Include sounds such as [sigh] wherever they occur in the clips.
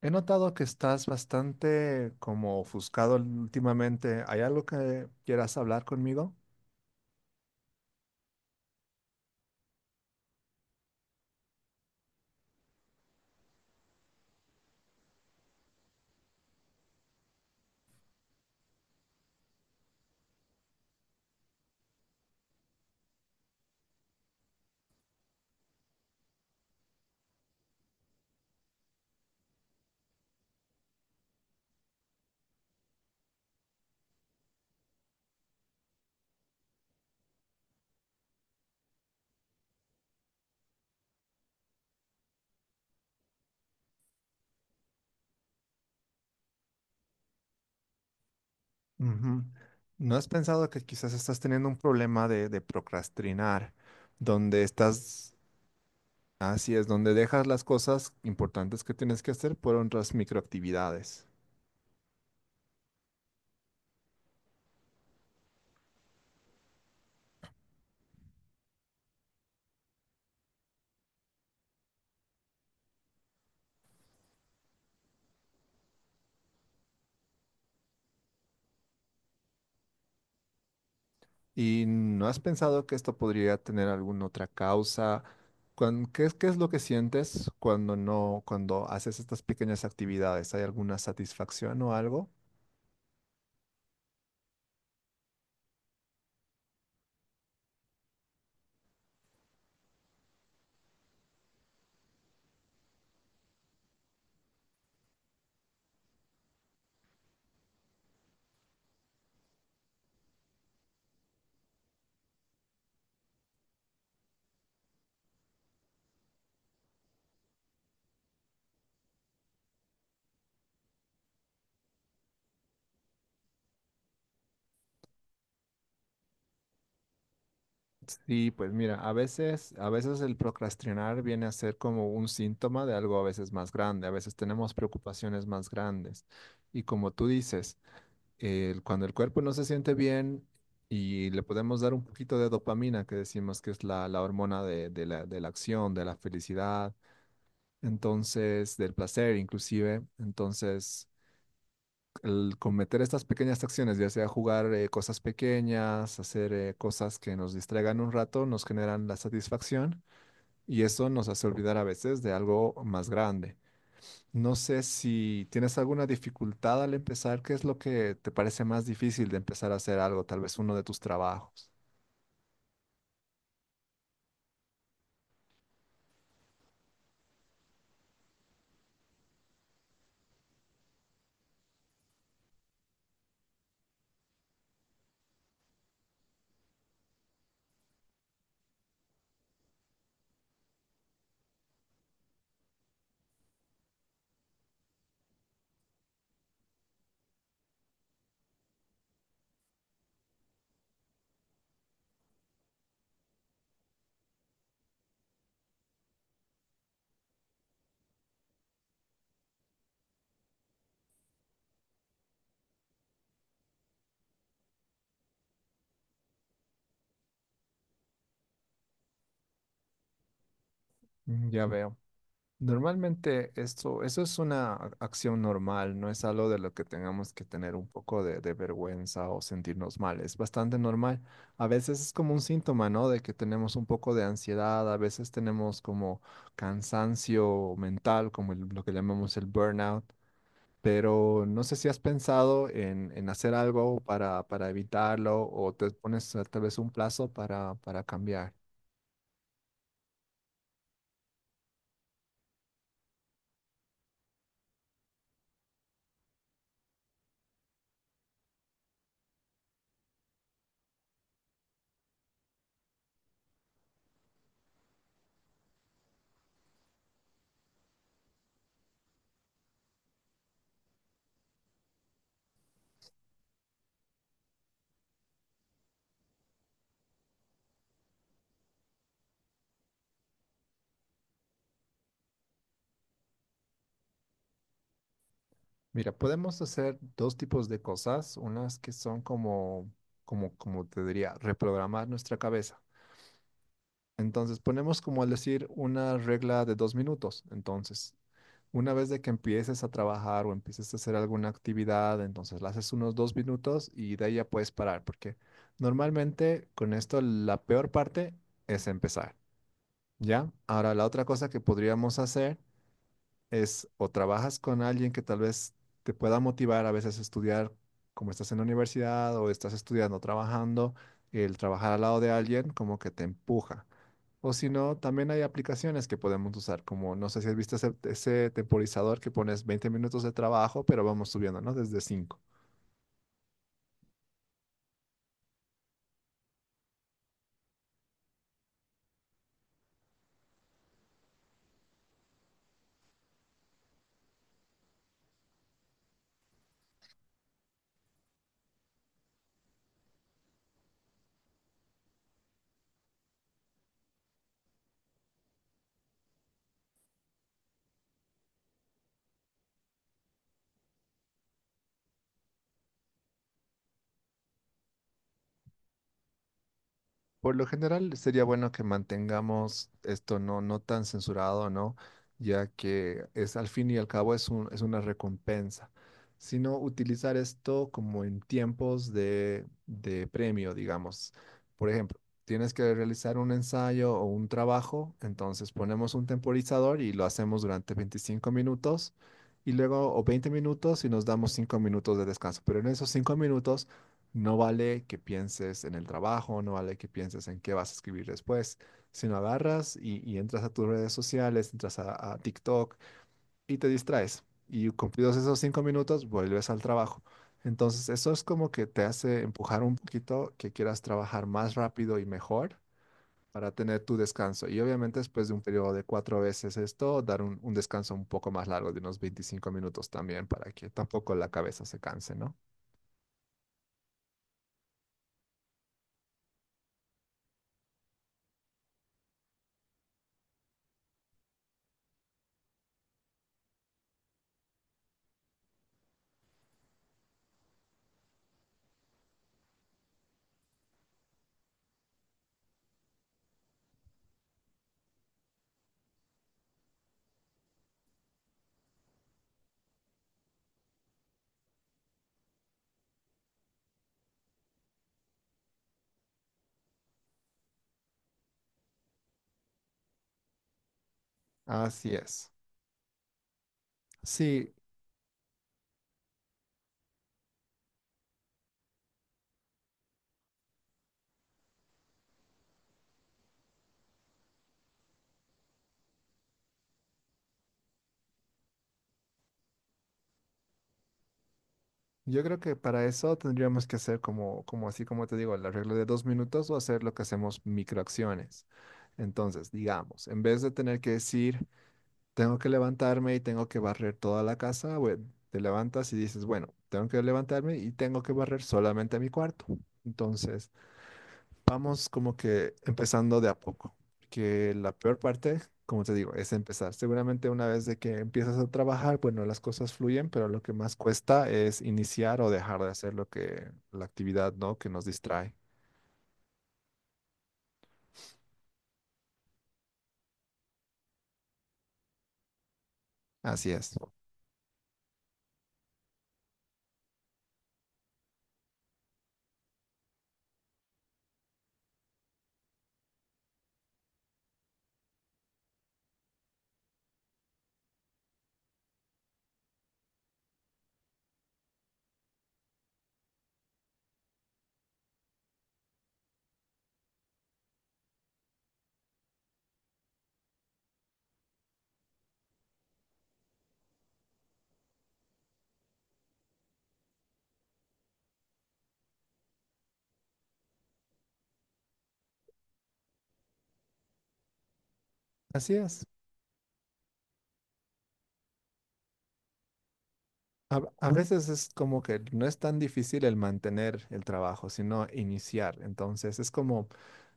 He notado que estás bastante como ofuscado últimamente. ¿Hay algo que quieras hablar conmigo? Ujú. ¿No has pensado que quizás estás teniendo un problema de procrastinar, donde estás, así es, donde dejas las cosas importantes que tienes que hacer por otras microactividades? ¿Y no has pensado que esto podría tener alguna otra causa? ¿Qué, qué es lo que sientes cuando no, cuando haces estas pequeñas actividades? ¿Hay alguna satisfacción o algo? Sí, pues mira, a veces el procrastinar viene a ser como un síntoma de algo a veces más grande, a veces tenemos preocupaciones más grandes. Y como tú dices, cuando el cuerpo no se siente bien y le podemos dar un poquito de dopamina, que decimos que es la hormona de la acción, de la felicidad, entonces, del placer inclusive, entonces el cometer estas pequeñas acciones, ya sea jugar cosas pequeñas, hacer cosas que nos distraigan un rato, nos generan la satisfacción y eso nos hace olvidar a veces de algo más grande. No sé si tienes alguna dificultad al empezar. ¿Qué es lo que te parece más difícil de empezar a hacer algo? Tal vez uno de tus trabajos. Mm, ya veo. Normalmente esto, eso es una acción normal, no es algo de lo que tengamos que tener un poco de vergüenza o sentirnos mal, es bastante normal. A veces es como un síntoma, ¿no? De que tenemos un poco de ansiedad, a veces tenemos como cansancio mental, como lo que llamamos el burnout, pero no sé si has pensado en hacer algo para evitarlo o te pones tal vez un plazo para cambiar. Mira, podemos hacer dos tipos de cosas, unas que son como, como te diría, reprogramar nuestra cabeza. Entonces ponemos como al decir una regla de dos minutos. Entonces, una vez de que empieces a trabajar o empieces a hacer alguna actividad, entonces la haces unos dos minutos y de ahí ya puedes parar, porque normalmente con esto la peor parte es empezar, ¿ya? Ahora, la otra cosa que podríamos hacer es o trabajas con alguien que tal vez te pueda motivar a veces a estudiar, como estás en la universidad o estás estudiando, trabajando, el trabajar al lado de alguien como que te empuja. O si no, también hay aplicaciones que podemos usar, como no sé si has visto ese, ese temporizador que pones 20 minutos de trabajo, pero vamos subiendo, ¿no? Desde cinco. Por lo general sería bueno que mantengamos esto no, no tan censurado, ¿no? Ya que es al fin y al cabo es es una recompensa, sino utilizar esto como en tiempos de premio, digamos. Por ejemplo, tienes que realizar un ensayo o un trabajo, entonces ponemos un temporizador y lo hacemos durante 25 minutos y luego o 20 minutos y nos damos 5 minutos de descanso. Pero en esos 5 minutos no vale que pienses en el trabajo, no vale que pienses en qué vas a escribir después, sino agarras y entras a tus redes sociales, entras a TikTok y te distraes. Y cumplidos esos cinco minutos, vuelves al trabajo. Entonces, eso es como que te hace empujar un poquito que quieras trabajar más rápido y mejor para tener tu descanso. Y obviamente después de un periodo de cuatro veces esto, dar un descanso un poco más largo de unos 25 minutos también para que tampoco la cabeza se canse, ¿no? Así es. Sí, yo creo que para eso tendríamos que hacer como, como así como te digo, el arreglo de dos minutos o hacer lo que hacemos microacciones. Entonces, digamos, en vez de tener que decir, tengo que levantarme y tengo que barrer toda la casa, bueno, te levantas y dices, bueno, tengo que levantarme y tengo que barrer solamente mi cuarto. Entonces, vamos como que empezando de a poco, que la peor parte, como te digo, es empezar. Seguramente una vez de que empiezas a trabajar, bueno, las cosas fluyen, pero lo que más cuesta es iniciar o dejar de hacer lo que la actividad, ¿no?, que nos distrae. Así es. Así es. A veces es como que no es tan difícil el mantener el trabajo, sino iniciar. Entonces es como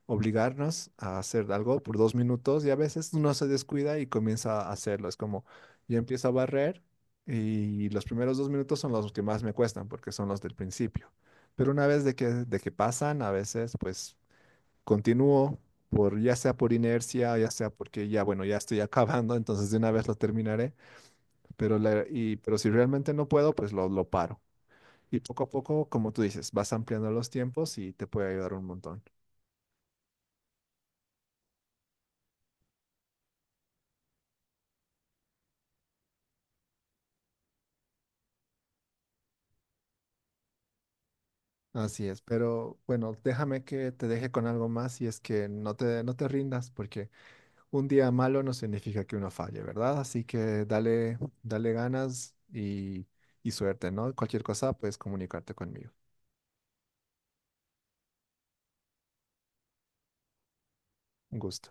obligarnos a hacer algo por dos minutos y a veces uno se descuida y comienza a hacerlo. Es como yo empiezo a barrer y los primeros dos minutos son los que más me cuestan porque son los del principio. Pero una vez de que pasan, a veces pues continúo por ya sea por inercia, ya sea porque ya bueno, ya estoy [laughs] acabando, entonces de una vez lo terminaré, pero pero si realmente no puedo, pues lo paro. Y poco a poco, como tú dices, vas ampliando los tiempos y te puede ayudar un montón. Así es, pero bueno, déjame que te deje con algo más y es que no te, no te rindas, porque un día malo no significa que uno falle, ¿verdad? Así que dale, dale ganas y suerte, ¿no? Cualquier cosa puedes comunicarte conmigo. Un gusto.